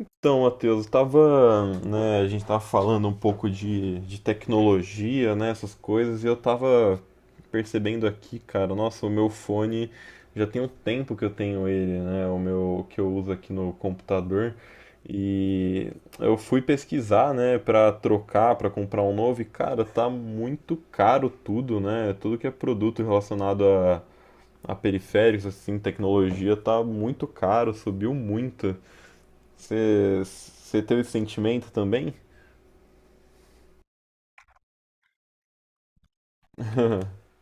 Então, Matheus, tava, né, a gente tava falando um pouco de tecnologia, né, essas coisas, e eu tava percebendo aqui, cara, nossa, o meu fone já tem um tempo que eu tenho ele, né, o meu que eu uso aqui no computador, e eu fui pesquisar, né, para trocar, para comprar um novo, e cara, tá muito caro tudo, né? Tudo que é produto relacionado a periféricos, assim, tecnologia, tá muito caro, subiu muito. Você teve esse sentimento também?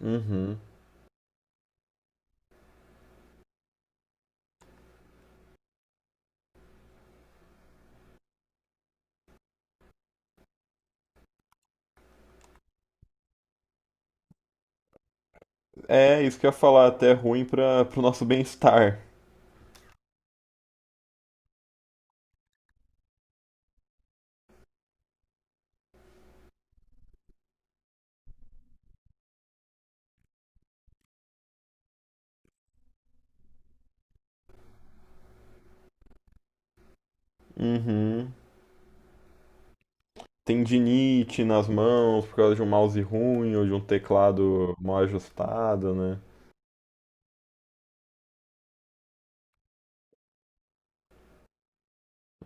Uhum. É, isso que eu ia falar, até é ruim para pro nosso bem-estar. Uhum. Tendinite nas mãos por causa de um mouse ruim ou de um teclado mal ajustado, né?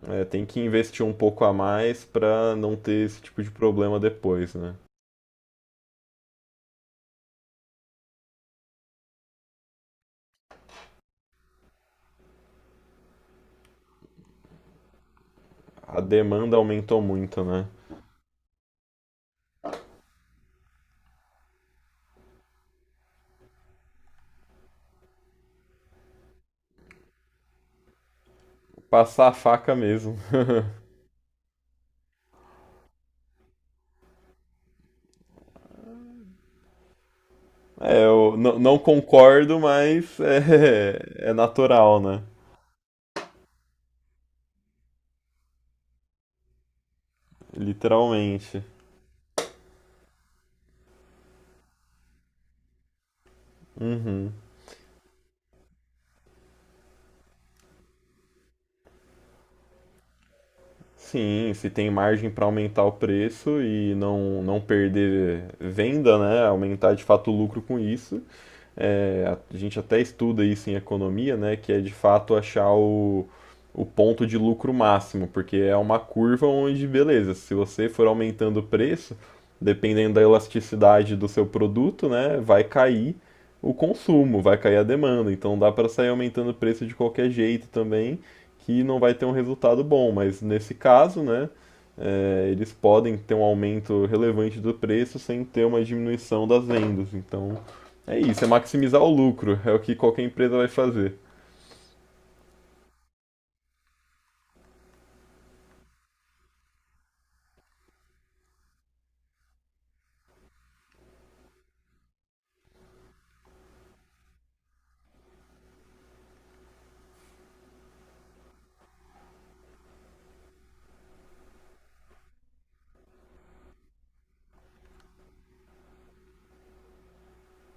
É, tem que investir um pouco a mais para não ter esse tipo de problema depois, né? A demanda aumentou muito, né? Passar a faca mesmo. É, eu não concordo, mas é, é natural, né? Literalmente. Uhum. Sim, se tem margem para aumentar o preço e não perder venda, né? Aumentar de fato o lucro com isso, é, a gente até estuda isso em economia, né, que é de fato achar o ponto de lucro máximo, porque é uma curva onde, beleza, se você for aumentando o preço, dependendo da elasticidade do seu produto, né, vai cair o consumo, vai cair a demanda. Então dá para sair aumentando o preço de qualquer jeito também, que não vai ter um resultado bom. Mas nesse caso, né, é, eles podem ter um aumento relevante do preço sem ter uma diminuição das vendas. Então é isso, é maximizar o lucro. É o que qualquer empresa vai fazer.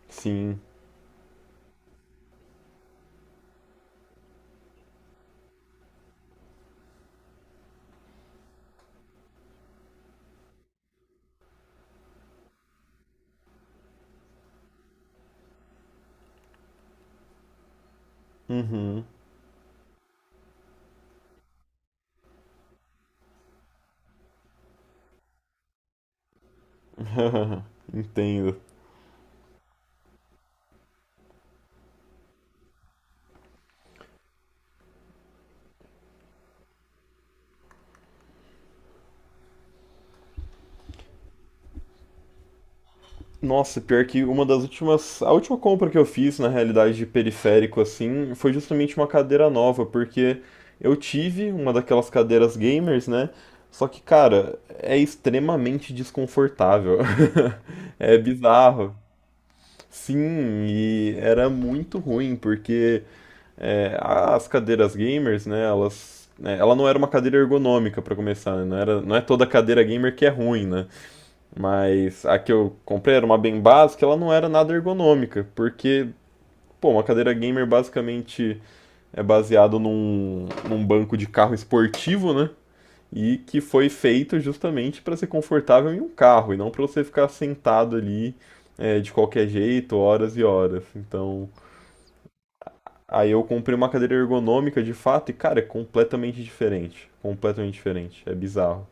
Sim. Uhum, entendo. Nossa, pior que uma das últimas. A última compra que eu fiz, na realidade, de periférico, assim, foi justamente uma cadeira nova, porque eu tive uma daquelas cadeiras gamers, né? Só que, cara, é extremamente desconfortável. É bizarro. Sim, e era muito ruim, porque é, as cadeiras gamers, né, elas, né, ela não era uma cadeira ergonômica para começar, né, não era, não é toda cadeira gamer que é ruim, né? Mas a que eu comprei era uma bem básica, ela não era nada ergonômica, porque pô, uma cadeira gamer basicamente é baseado num banco de carro esportivo, né? E que foi feito justamente para ser confortável em um carro e não para você ficar sentado ali é, de qualquer jeito, horas e horas. Então, aí eu comprei uma cadeira ergonômica de fato e, cara, é completamente diferente. Completamente diferente. É bizarro.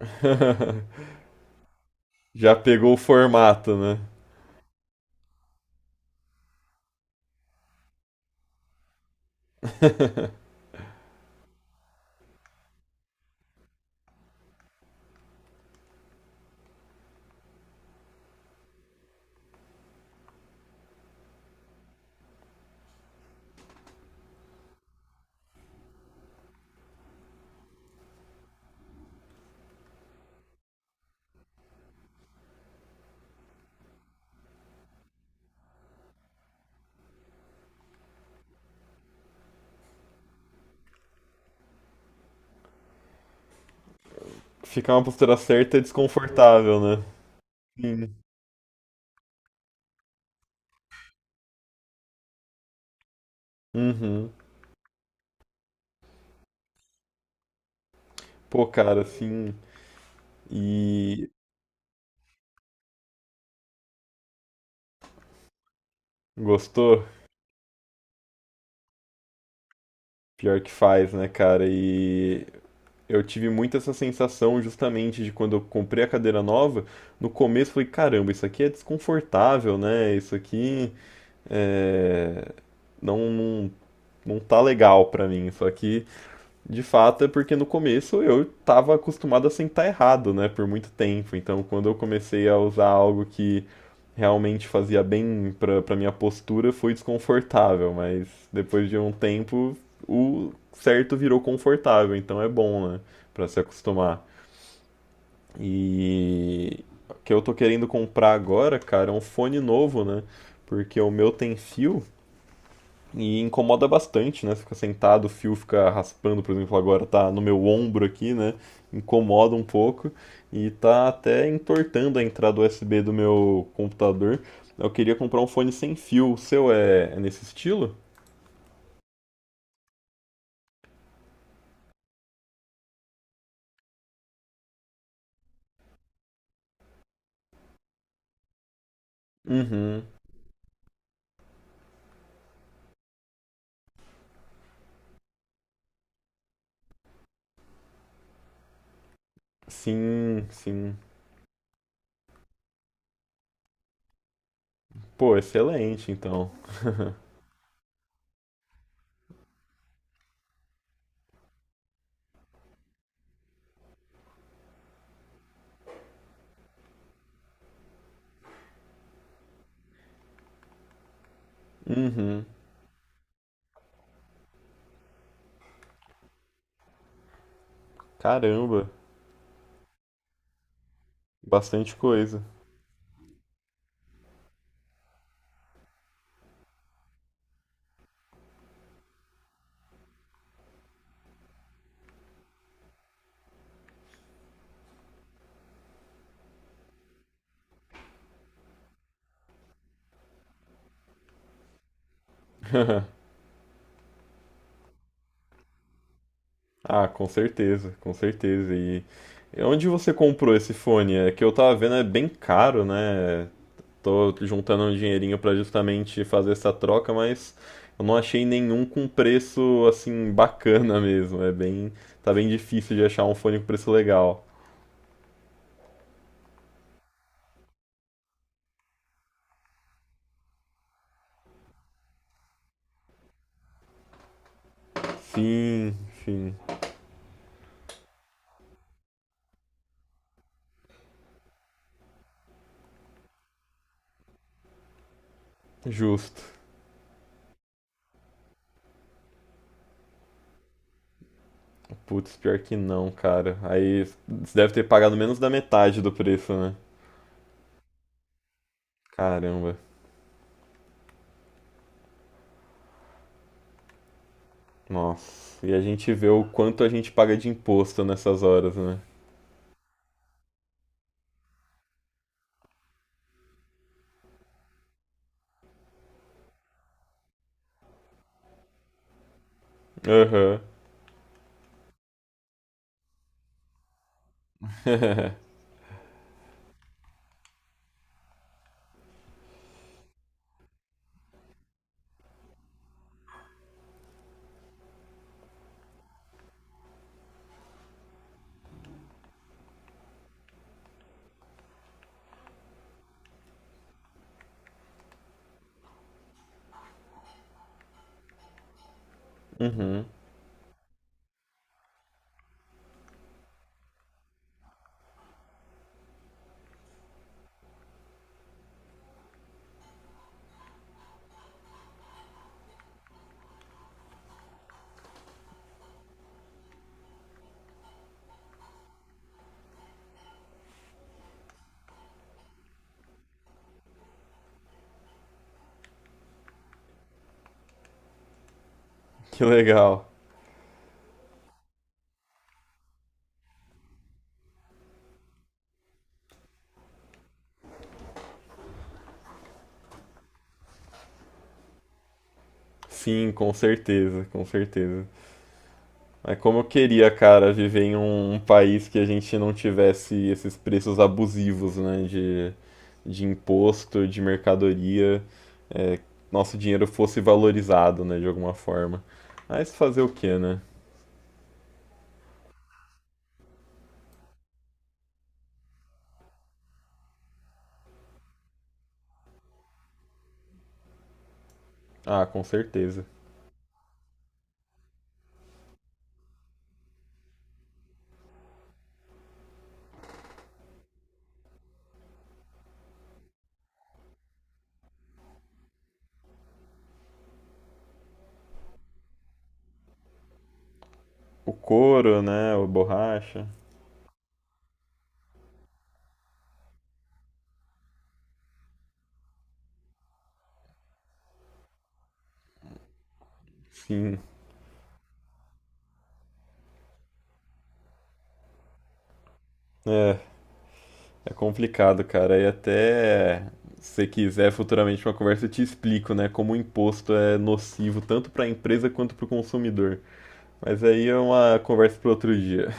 Já pegou o formato, né? Ficar uma postura certa é desconfortável, né? Sim. Uhum. Pô, cara, assim. E gostou? Pior que faz, né, cara? E eu tive muito essa sensação justamente de quando eu comprei a cadeira nova. No começo eu falei, caramba, isso aqui é desconfortável, né? Isso aqui é. Não, não não, tá legal pra mim. Só que, de fato, é porque no começo eu tava acostumado a sentar errado, né, por muito tempo. Então, quando eu comecei a usar algo que realmente fazia bem pra minha postura, foi desconfortável. Mas depois de um tempo, o certo virou confortável. Então é bom, né, pra se acostumar. E o que eu tô querendo comprar agora, cara, é um fone novo, né? Porque o meu tem fio e incomoda bastante, né? Você fica sentado, o fio fica raspando, por exemplo, agora tá no meu ombro aqui, né? Incomoda um pouco e tá até entortando a entrada USB do meu computador. Eu queria comprar um fone sem fio. O seu é, é nesse estilo? Uhum. Sim, sim. Pô, excelente, então. Uhum. Caramba, bastante coisa. Ah, com certeza, com certeza. E onde você comprou esse fone? É que eu tava vendo, é bem caro, né? Tô juntando um dinheirinho pra justamente fazer essa troca, mas eu não achei nenhum com preço assim bacana mesmo. É bem, tá bem difícil de achar um fone com preço legal. Sim, sim, justo. Putz, pior que não, cara. Aí você deve ter pagado menos da metade do preço, né? Caramba. Nossa. E a gente vê o quanto a gente paga de imposto nessas horas, né? Aham. Que legal. Sim, com certeza, com certeza. Mas como eu queria, cara, viver em um, um país que a gente não tivesse esses preços abusivos, né, de imposto, de mercadoria, é, nosso dinheiro fosse valorizado, né, de alguma forma. Mas fazer o quê, né? Ah, com certeza. O couro, né, o borracha, sim. É, é complicado, cara. E até se você quiser futuramente uma conversa eu te explico, né, como o imposto é nocivo tanto para a empresa quanto para o consumidor. Mas aí é uma conversa para outro dia.